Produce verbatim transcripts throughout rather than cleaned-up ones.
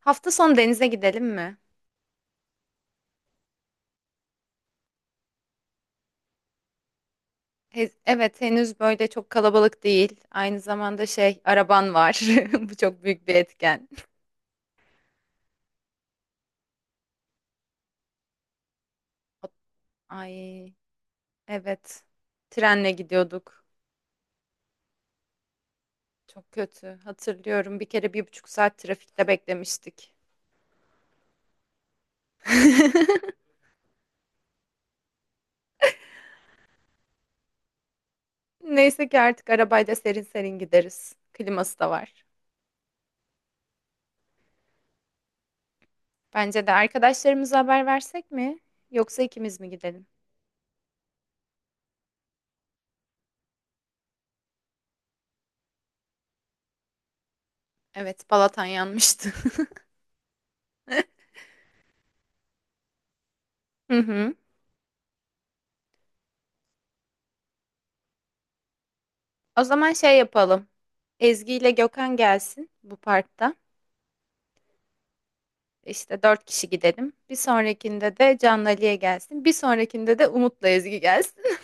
Hafta sonu denize gidelim mi? He- evet, henüz böyle çok kalabalık değil. Aynı zamanda şey, araban var. Bu çok büyük bir etken. O- Ay, evet. Trenle gidiyorduk. Çok kötü. Hatırlıyorum. Bir kere bir buçuk saat trafikte beklemiştik. Neyse ki artık arabayla serin serin gideriz. Kliması da var. Bence de arkadaşlarımıza haber versek mi? Yoksa ikimiz mi gidelim? Evet, Balatan yanmıştı. Hı hı. O zaman şey yapalım. Ezgi ile Gökhan gelsin bu parkta. İşte dört kişi gidelim. Bir sonrakinde de Canlı Ali'ye gelsin. Bir sonrakinde de Umut'la Ezgi gelsin.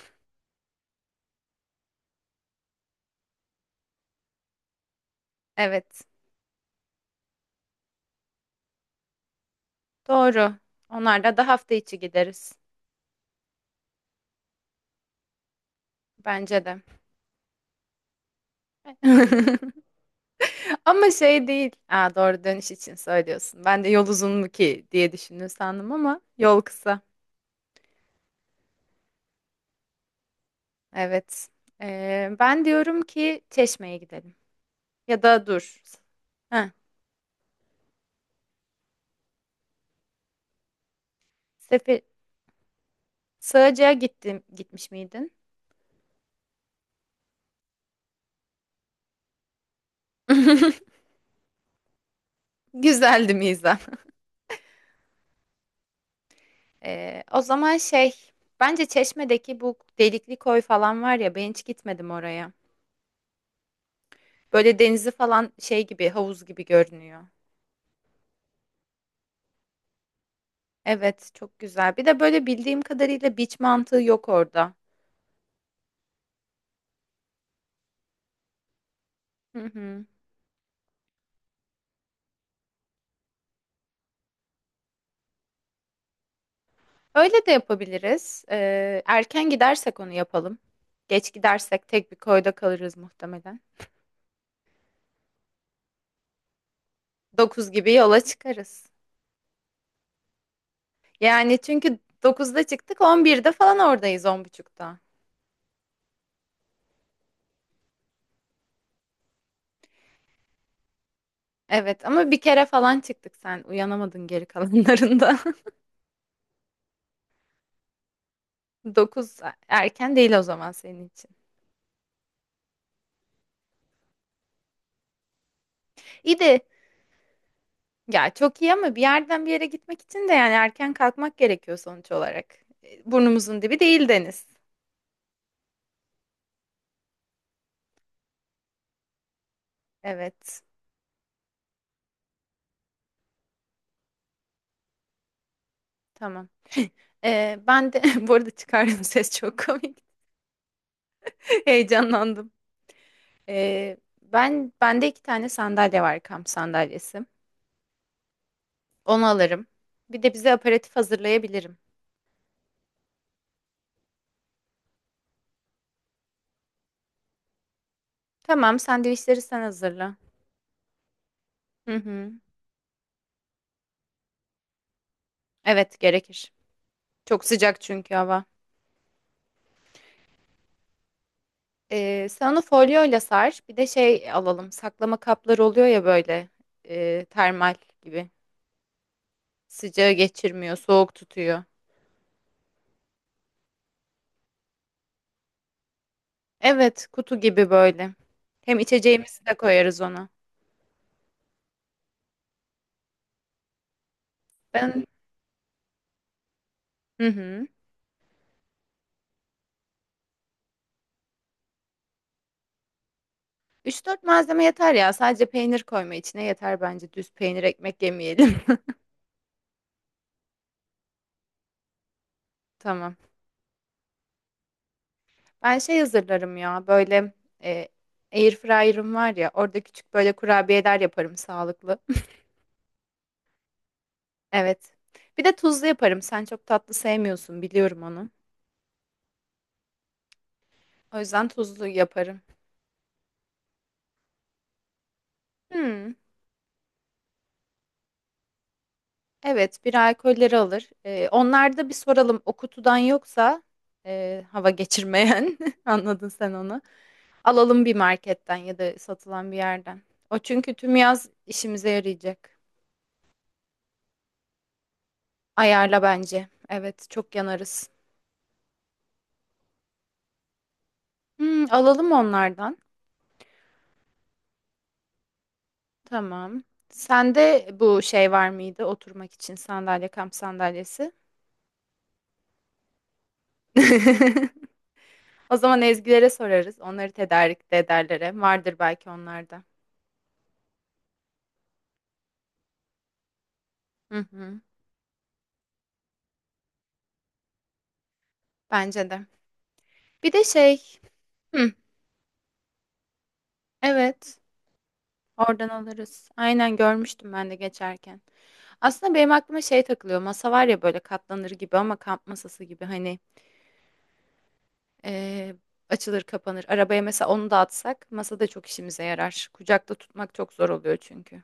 Evet, doğru. Onlarla da hafta içi gideriz. Bence de. Ama şey değil. Aa, doğru, dönüş için söylüyorsun. Ben de yol uzun mu ki diye düşündüm sandım ama yol kısa. Evet. Ee, ben diyorum ki Çeşme'ye gidelim. Ya da dur. Ha. Heh. Sığacığa gittim, gitmiş miydin? Güzeldi mizah. Ee, o zaman şey, Bence Çeşme'deki bu delikli koy falan var ya, ben hiç gitmedim oraya. Böyle denizi falan şey gibi, havuz gibi görünüyor. Evet, çok güzel. Bir de böyle bildiğim kadarıyla beach mantığı yok orada. Hı hı. Öyle de yapabiliriz. Ee, erken gidersek onu yapalım. Geç gidersek tek bir koyda kalırız muhtemelen. Dokuz gibi yola çıkarız. Yani çünkü dokuzda çıktık on birde falan oradayız, on buçukta. Evet ama bir kere falan çıktık, sen uyanamadın geri kalanlarında. Dokuz erken değil o zaman senin için. İyi de ya çok iyi ama bir yerden bir yere gitmek için de yani erken kalkmak gerekiyor sonuç olarak. E, burnumuzun dibi değil deniz. Evet, tamam. E, ben de bu arada çıkardım ses çok komik. Heyecanlandım. E, ben, bende iki tane sandalye var, kamp sandalyesi. Onu alırım. Bir de bize aperatif hazırlayabilirim. Tamam, sandviçleri sen hazırla. Hı hı. Evet, gerekir. Çok sıcak çünkü hava. Ee, sen onu folyoyla sar. Bir de şey alalım. Saklama kapları oluyor ya böyle. E, termal gibi. Sıcağı geçirmiyor, soğuk tutuyor. Evet, kutu gibi böyle. Hem içeceğimizi de koyarız ona. Ben hı hı. Üç dört malzeme yeter ya. Sadece peynir koyma içine yeter bence. Düz peynir ekmek yemeyelim. Tamam. Ben şey hazırlarım ya böyle e, air fryer'ım var ya, orada küçük böyle kurabiyeler yaparım sağlıklı. Evet. Bir de tuzlu yaparım. Sen çok tatlı sevmiyorsun, biliyorum onu. O yüzden tuzlu yaparım. Hmm, evet, bir alkolleri alır. E, onlarda bir soralım o kutudan, yoksa e, hava geçirmeyen anladın sen onu. Alalım bir marketten ya da satılan bir yerden. O çünkü tüm yaz işimize yarayacak. Ayarla bence. Evet, çok yanarız. Hmm, alalım onlardan. Tamam. Sende bu şey var mıydı oturmak için, sandalye, kamp sandalyesi? O zaman Ezgilere sorarız. Onları tedarik de ederler hem. Vardır belki onlarda. Hı hı. Bence de. Bir de şey. Hı, evet. Oradan alırız. Aynen, görmüştüm ben de geçerken. Aslında benim aklıma şey takılıyor. Masa var ya böyle katlanır gibi ama kamp masası gibi, hani Ee, açılır kapanır. Arabaya mesela onu da atsak masa da çok işimize yarar. Kucakta tutmak çok zor oluyor çünkü.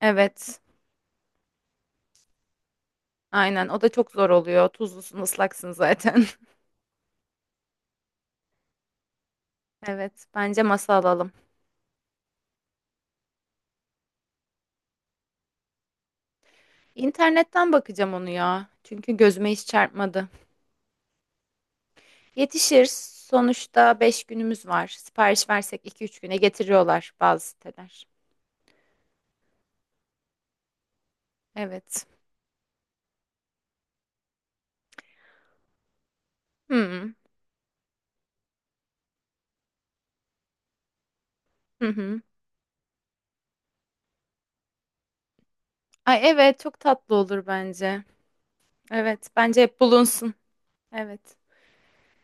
Evet. Aynen, o da çok zor oluyor. Tuzlusun, ıslaksın zaten. Evet, bence masa alalım. İnternetten bakacağım onu ya. Çünkü gözüme hiç çarpmadı. Yetişir. Sonuçta beş günümüz var. Sipariş versek iki üç güne getiriyorlar bazı siteler. Evet. Hmm. Hı hı. Ay, evet, çok tatlı olur bence. Evet, bence hep bulunsun. Evet.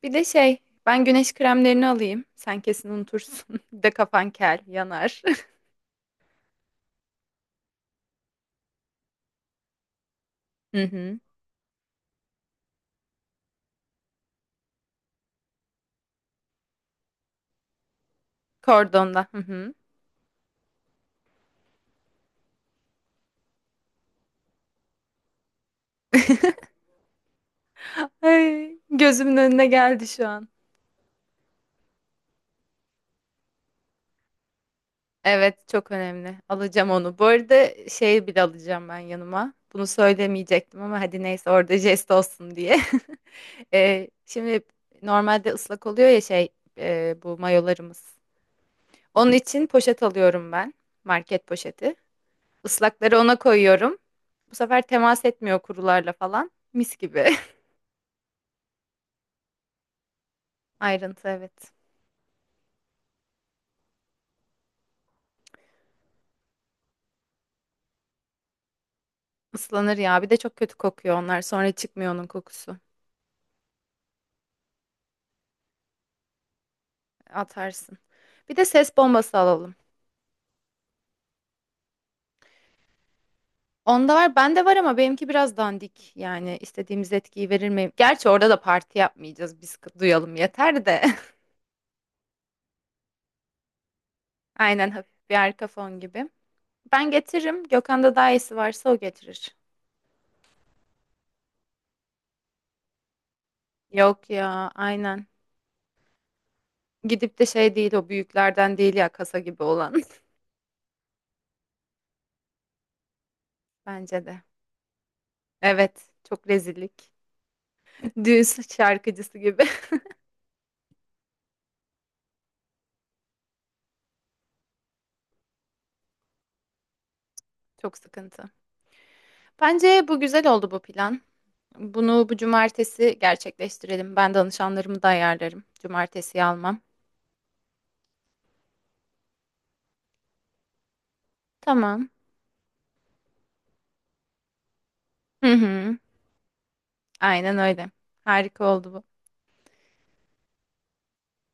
Bir de şey, ben güneş kremlerini alayım. Sen kesin unutursun. Bir de kafan kel, yanar. Hı hı. Kordonda. Hı hı. Ay, gözümün önüne geldi şu an. Evet, çok önemli. Alacağım onu. Bu arada şey bile alacağım ben yanıma. Bunu söylemeyecektim ama hadi neyse, orada jest olsun diye. Ee, şimdi normalde ıslak oluyor ya şey e, bu mayolarımız. Onun için poşet alıyorum ben. Market poşeti. Islakları ona koyuyorum. Bu sefer temas etmiyor kurularla falan. Mis gibi. Ayrıntı, evet. Islanır ya. Bir de çok kötü kokuyor onlar. Sonra çıkmıyor onun kokusu. Atarsın. Bir de ses bombası alalım. Onda var, bende var ama benimki biraz dandik. Yani istediğimiz etkiyi verir mi? Gerçi orada da parti yapmayacağız. Biz k- duyalım yeter de. Aynen, hafif bir arka fon gibi. Ben getiririm. Gökhan'da daha iyisi varsa o getirir. Yok ya, aynen. Gidip de şey değil, o büyüklerden değil ya, kasa gibi olan. Bence de. Evet, çok rezillik. Düğün şarkıcısı gibi. Çok sıkıntı. Bence bu güzel oldu, bu plan. Bunu bu cumartesi gerçekleştirelim. Ben danışanlarımı da ayarlarım. Cumartesiyi almam. Tamam. Hı hı. Aynen öyle. Harika oldu bu.